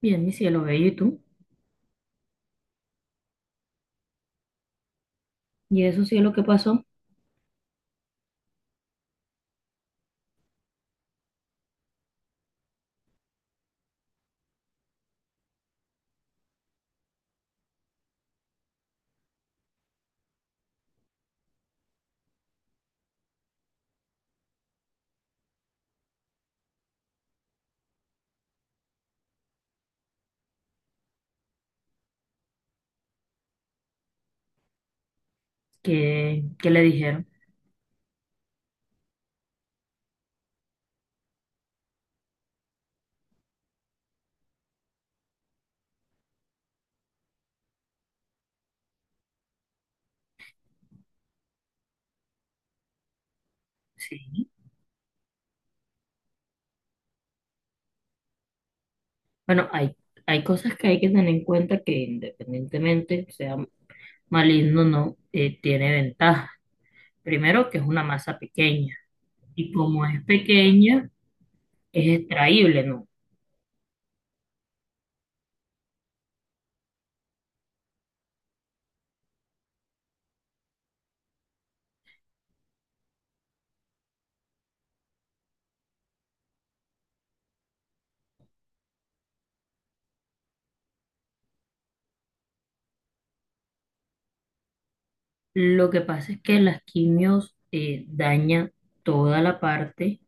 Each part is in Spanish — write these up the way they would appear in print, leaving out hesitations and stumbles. Bien, mi cielo bello, ¿y tú? ¿Y eso cielo qué pasó? ¿Qué le dijeron? Sí. Bueno, hay cosas que hay que tener en cuenta que independientemente sea maligno o no, tiene ventaja. Primero, que es una masa pequeña. Y como es pequeña, es extraíble, ¿no? Lo que pasa es que las quimios dañan toda la parte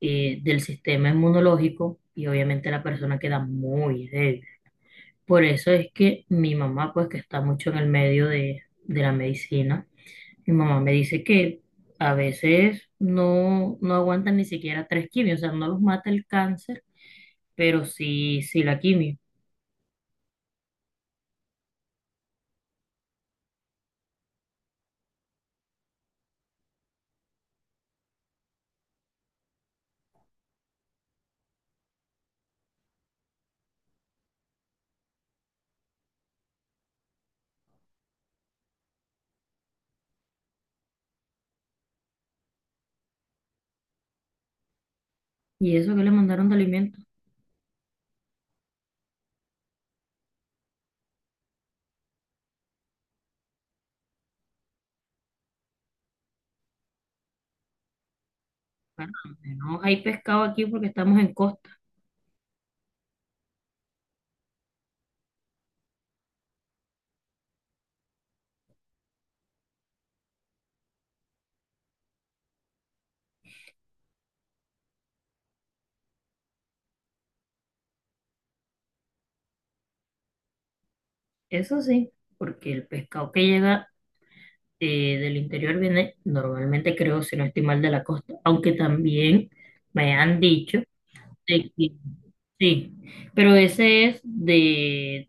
del sistema inmunológico y obviamente la persona queda muy débil. Por eso es que mi mamá, pues que está mucho en el medio de la medicina, mi mamá me dice que a veces no, no aguantan ni siquiera tres quimios, o sea, no los mata el cáncer, pero sí, sí la quimio. ¿Y eso que le mandaron de alimentos? Bueno, al menos hay pescado aquí porque estamos en costa. Eso sí, porque el pescado que llega del interior viene normalmente, creo, si no estoy mal, de la costa, aunque también me han dicho. Sí, sí, pero ese es de,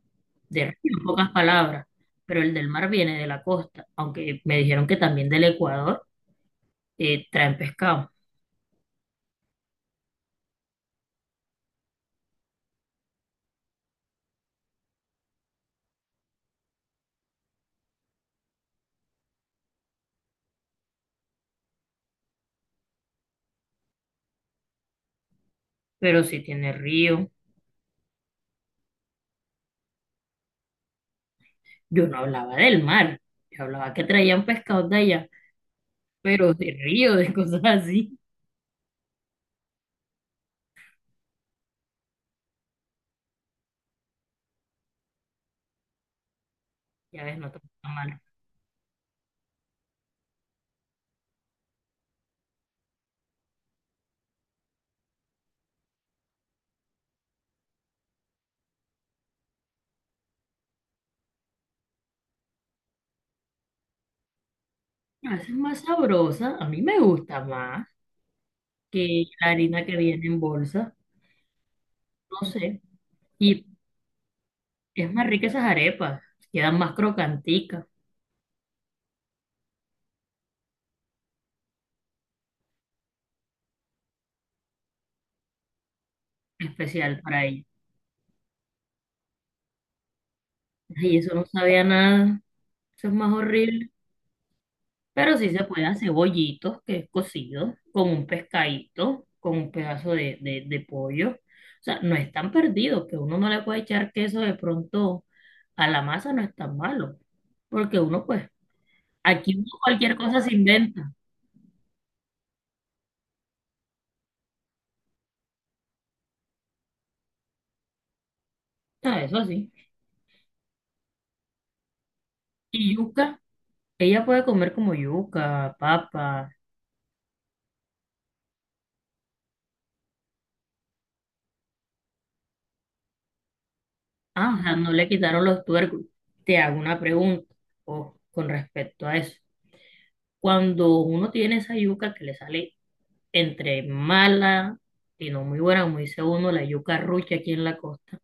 de río, en pocas palabras, pero el del mar viene de la costa, aunque me dijeron que también del Ecuador traen pescado, pero sí tiene río. Yo no hablaba del mar, yo hablaba que traían pescados de allá, pero de río, de cosas así. Ya ves, no te gusta mal. A veces es más sabrosa, a mí me gusta más que la harina que viene en bolsa, no sé, y es más rica esas arepas, quedan más crocanticas. Especial para ella. Y eso no sabía nada, eso es más horrible. Pero sí se puede hacer bollitos, que es cocido, con un pescadito, con un pedazo de pollo. O sea, no es tan perdido, que uno no le puede echar queso de pronto a la masa, no es tan malo. Porque uno, pues, aquí uno cualquier cosa se inventa. Ah, eso sí. Y yuca, ella puede comer como yuca, papa. Ah, o sea, no le quitaron los tuercos. Te hago una pregunta, oh, con respecto a eso. Cuando uno tiene esa yuca que le sale entre mala y no muy buena, como dice uno, la yuca rucha aquí en la costa,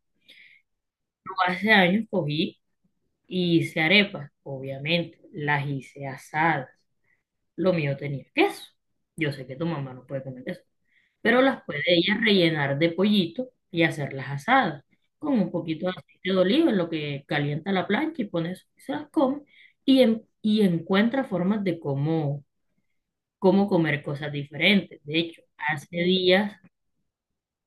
yo hace años cogí y hice arepas, obviamente, las hice asadas. Lo mío tenía queso. Yo sé que tu mamá no puede comer queso, pero las puede ella rellenar de pollito y hacerlas asadas, con un poquito de aceite de oliva, en lo que calienta la plancha y pones, se las come y, y encuentra formas de cómo comer cosas diferentes. De hecho, hace días,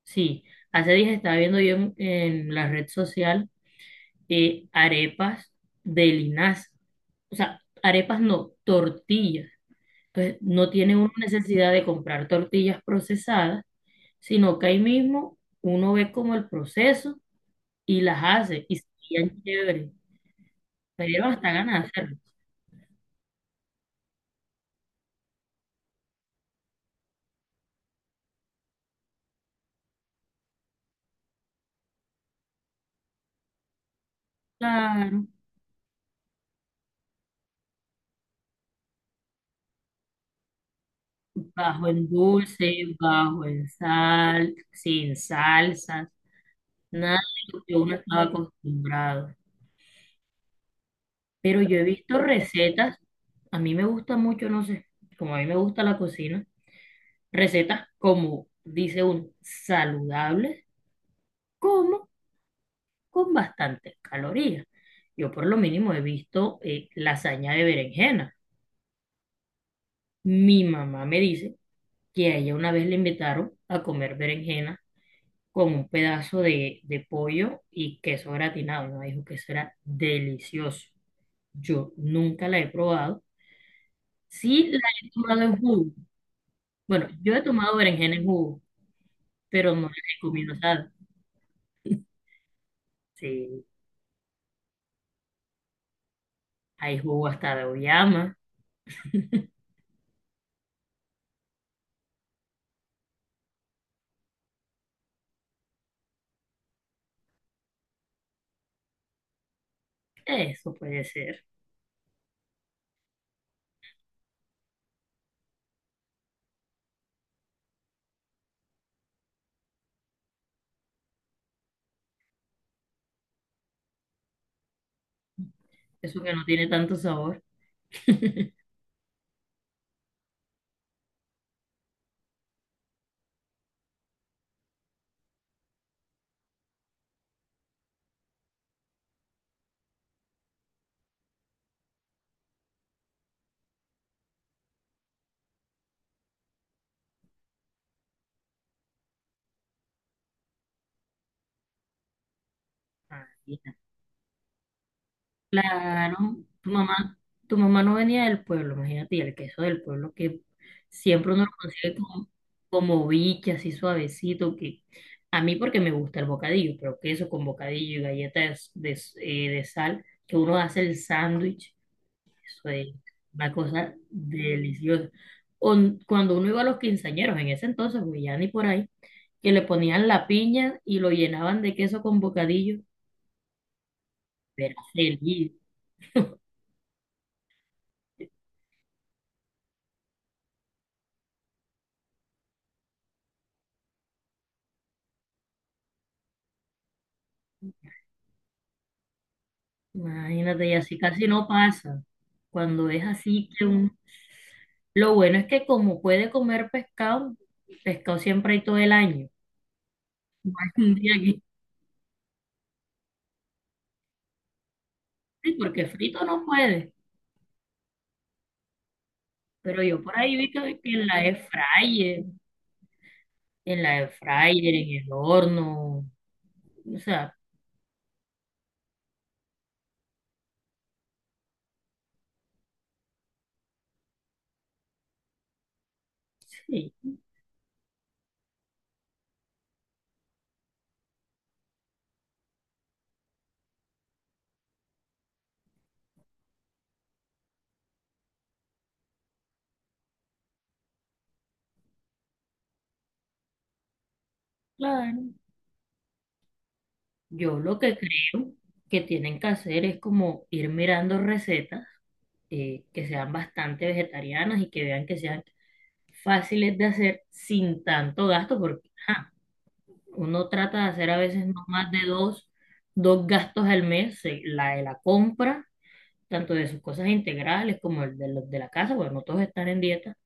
sí, hace días estaba viendo yo en la red social arepas de linaza. O sea, arepas no, tortillas. Entonces, no tiene una necesidad de comprar tortillas procesadas, sino que ahí mismo uno ve como el proceso y las hace y serían chéveres. Pero hasta ganas de hacerlo. Claro, bajo en dulce, bajo en sal, sin salsas. Nada de lo que uno estaba acostumbrado. Pero yo he visto recetas, a mí me gusta mucho, no sé, como a mí me gusta la cocina, recetas como, dice uno, saludables, como con bastantes calorías. Yo por lo mínimo he visto lasaña de berenjena. Mi mamá me dice que a ella una vez le invitaron a comer berenjena con un pedazo de pollo y queso gratinado. Me dijo que eso era delicioso. Yo nunca la he probado. Sí, la he tomado en jugo. Bueno, yo he tomado berenjena en jugo, pero no la he comido asada. Sí, hay jugo hasta de oyama. Eso puede ser. Eso que no tiene tanto sabor. Ah, mira. Claro, tu mamá, tu mamá no venía del pueblo, imagínate, y el queso del pueblo que siempre uno lo consigue como biche, así suavecito, que a mí porque me gusta el bocadillo, pero queso con bocadillo y galletas de, de sal, que uno hace el sándwich. Eso es una cosa deliciosa. Cuando uno iba a los quinceañeros, en ese entonces, pues ya ni por ahí, que le ponían la piña y lo llenaban de queso con bocadillo, era feliz. Imagínate, y así casi no pasa. Cuando es así que un. Lo bueno es que como puede comer pescado, pescado siempre hay todo el año. Un día aquí, sí, porque frito no puede. Pero yo por ahí vi que en la air fryer, en la air fryer, en el horno, o sea. Sí, claro. Yo lo que creo que tienen que hacer es como ir mirando recetas que sean bastante vegetarianas y que vean que sean fáciles de hacer sin tanto gasto, porque ajá, uno trata de hacer a veces no más de dos gastos al mes, la de la compra, tanto de sus cosas integrales como el de los de la casa, porque no todos están en dieta,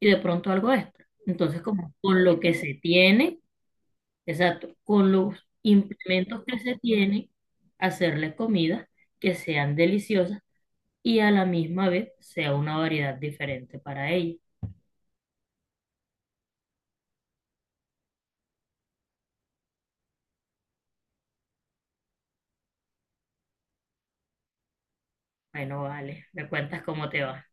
y de pronto algo extra. Entonces, como con lo que se tiene. Exacto. Con los implementos que se tienen, hacerles comidas que sean deliciosas y a la misma vez sea una variedad diferente para ella. Bueno, vale, me cuentas cómo te va.